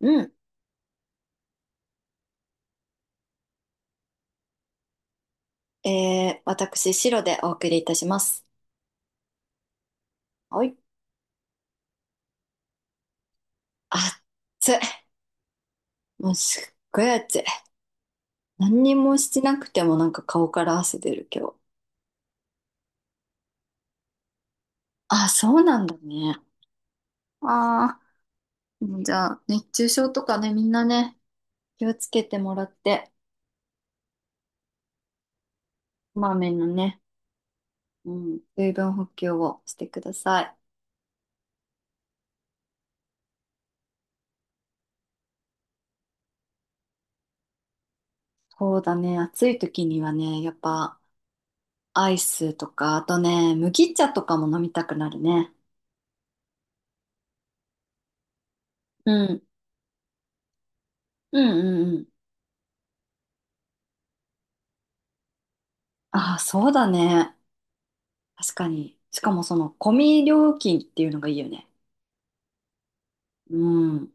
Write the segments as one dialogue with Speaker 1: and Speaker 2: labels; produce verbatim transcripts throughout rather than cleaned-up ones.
Speaker 1: うん。えー、私、白でお送りいたします。はい。暑い。もうすっごい暑い。何にもしてなくてもなんか顔から汗出る今日。あ、そうなんだね。ああ、もうじゃあ、熱中症とかね、みんなね、気をつけてもらって、こまめなね、うん、水分補給をしてください。そうだね、暑い時にはね、やっぱ、アイスとか、あとね、麦茶とかも飲みたくなるね。うん。うんうんうん。ああ、そうだね。確かに。しかもその、込み料金っていうのがいいよね。うん。い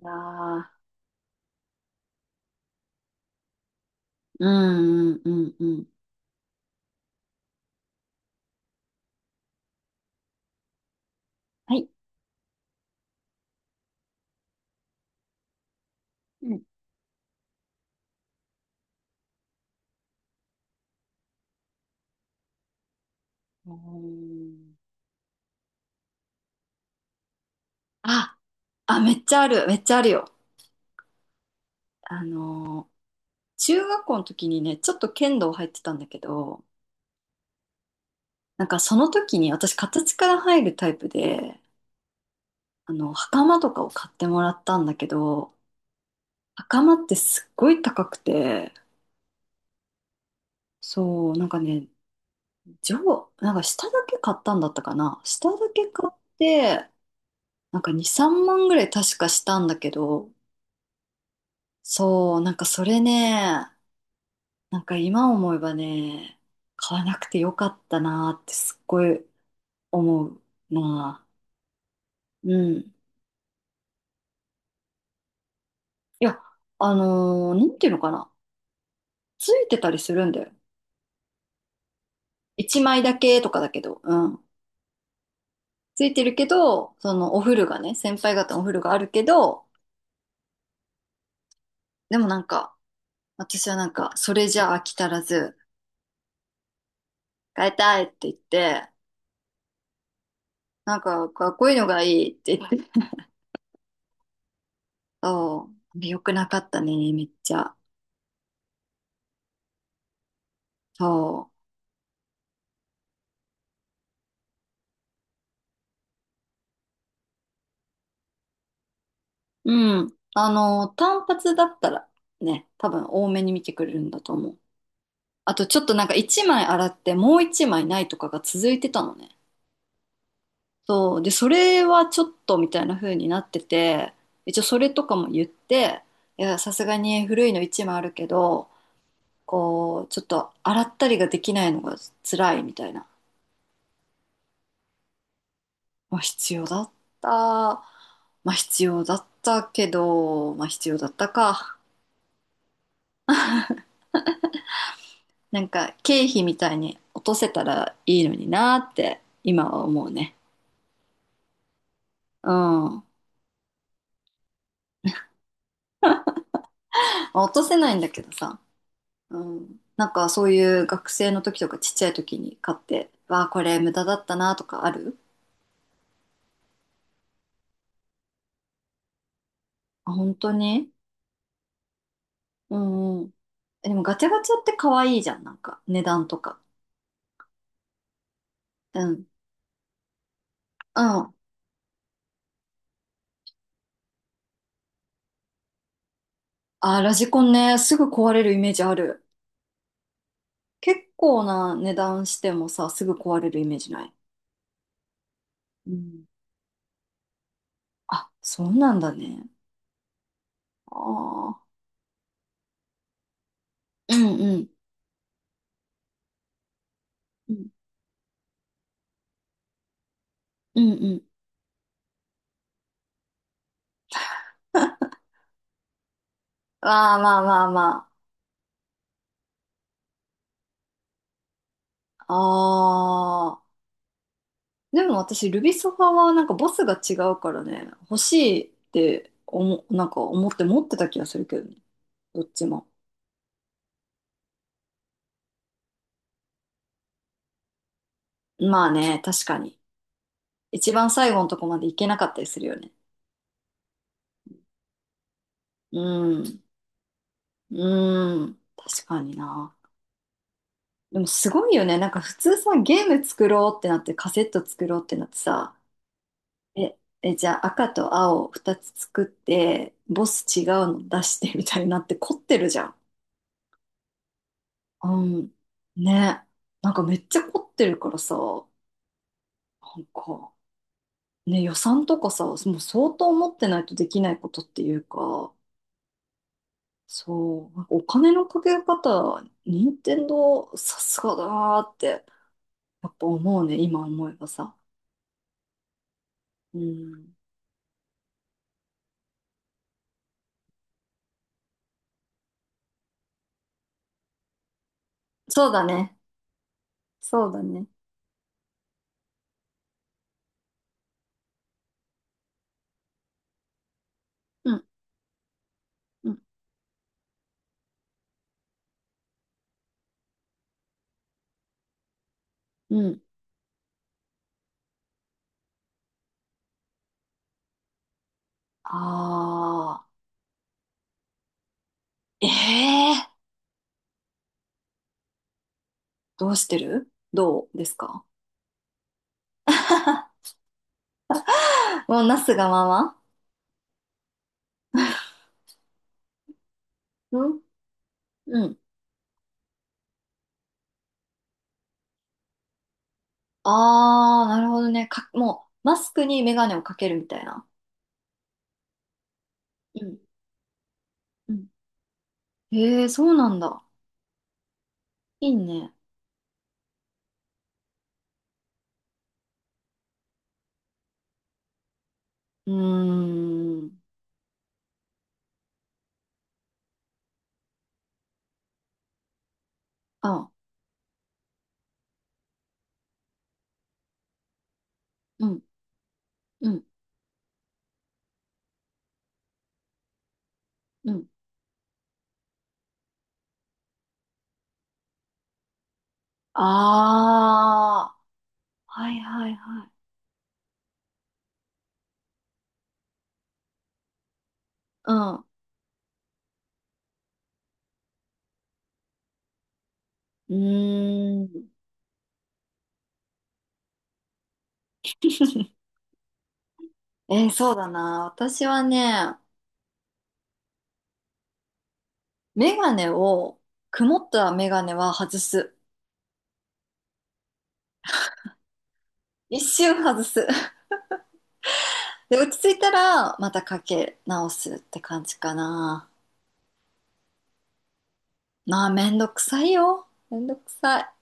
Speaker 1: やー、うんうんうんうん。はい。うんうん。あ、あ、めっちゃある、めっちゃあるよ。あのー中学校の時にね、ちょっと剣道入ってたんだけど、なんかその時に私形から入るタイプで、あの、袴とかを買ってもらったんだけど、袴ってすっごい高くて、そう、なんかね、上、なんか下だけ買ったんだったかな。下だけ買って、なんかに、さんまんぐらい確かしたんだけど、そう、なんかそれね、なんか今思えばね、買わなくてよかったなーってすっごい思うなー。うん。いや、あのーなんていうのかな。ついてたりするんだよ。いちまいだけとかだけど、うん。ついてるけど、そのお風呂がね、先輩方のお風呂があるけど、でもなんか、私はなんか、それじゃ飽き足らず、変えたいって言って、なんかかっこいいのがいいって言って、そう、良くなかったね、めっちゃ。そう。うん。あの、単発だったらね、多分多めに見てくれるんだと思う。あとちょっとなんかいちまい洗ってもういちまいないとかが続いてたのね。そう。で、それはちょっとみたいな風になってて、一応それとかも言って、いや、さすがに古いのいちまいあるけど、こう、ちょっと洗ったりができないのが辛いみたいな。まあ、必要だった。まあ、必要だったけど、まあ、必要だったか。なんか、経費みたいに落とせたらいいのになって、今は思うね。うん。まあ落とせないんだけどさ。うん。なんか、そういう学生の時とかちっちゃい時に買って、わあ、これ無駄だったなとかある。あ、本当に。うんうん。え、でもガチャガチャって可愛いじゃん。なんか、値段とか。うん。うん。あー、ラジコンね、すぐ壊れるイメージある。結構な値段してもさ、すぐ壊れるイメージない？うん。あ、そうなんだね。ああ、うんうん。うんうんうん。まあまあまあまあ。ああ。でも私、ルビソファはなんかボスが違うからね、欲しいって思、なんか思って持ってた気がするけどね。どっちも。まあね、確かに。一番最後のとこまで行けなかったりするよね。うん。うん。確かにな。でもすごいよね。なんか普通さ、ゲーム作ろうってなって、カセット作ろうってなってさ、え、え、じゃあ赤と青ふたつ作って、ボス違うの出してみたいになって凝ってるじゃん。うん。ね。なんかめっちゃ凝ってるからさ、なんか、ね、予算とかさ、もう相当持ってないとできないことっていうか、そう、なんかお金のかけ方、任天堂さすがだなーって、やっぱ思うね、今思えばさ。うん。そうだね。そうだね。うん、うん、うん。あー、ええー、どうしてる？どうですか？ もうなすがまま。うんうん、あー、なるほどね。か、もう、マスクにメガネをかけるみたいな。うん、うん。えー、そうなんだ。いいね。うーん。あ、うん、うん、うん。あー、はいはいはい。うん。うーん。えー、そうだな。私はね、メガネを、曇ったメガネは外す。一瞬外す。で、落ち着いたら、またかけ直すって感じかな。まあ、めんどくさいよ。めんどくさい。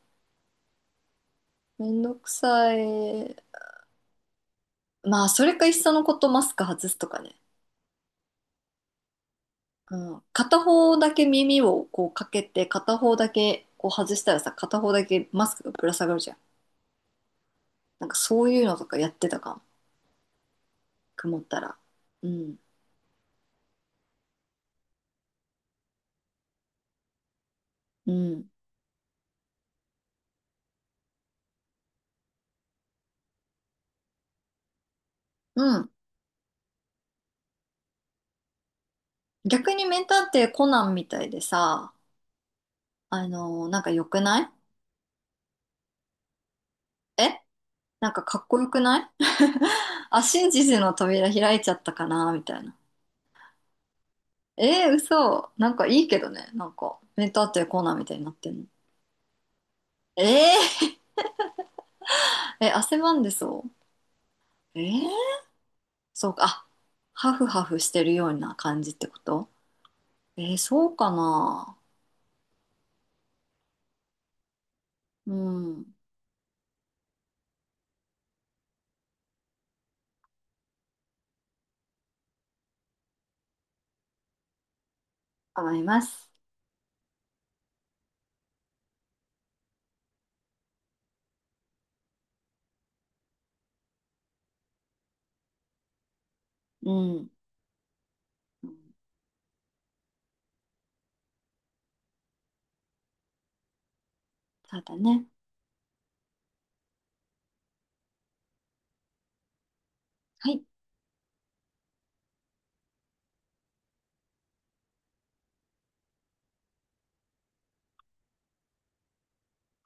Speaker 1: めんどくさい。まあ、それかいっそのことマスク外すとかね。うん。片方だけ耳をこうかけて、片方だけこう外したらさ、片方だけマスクがぶら下がるじゃん。なんかそういうのとかやってたかも。曇ったら。うん。うん。うん。逆に名探偵コナンみたいでさ、あのーなんか良くない？え、なんかかっこよくない？ あ、真実の扉開いちゃったかなみたいな。えー、嘘。なんかいいけどね。なんか、名探偵コナンみたいになってんの。えー、え、汗ばんでそう？えー、そうか。あ、ハフハフしてるような感じってこと？えー、そうかな。うん。思います。うん。うん。そうだね。はい。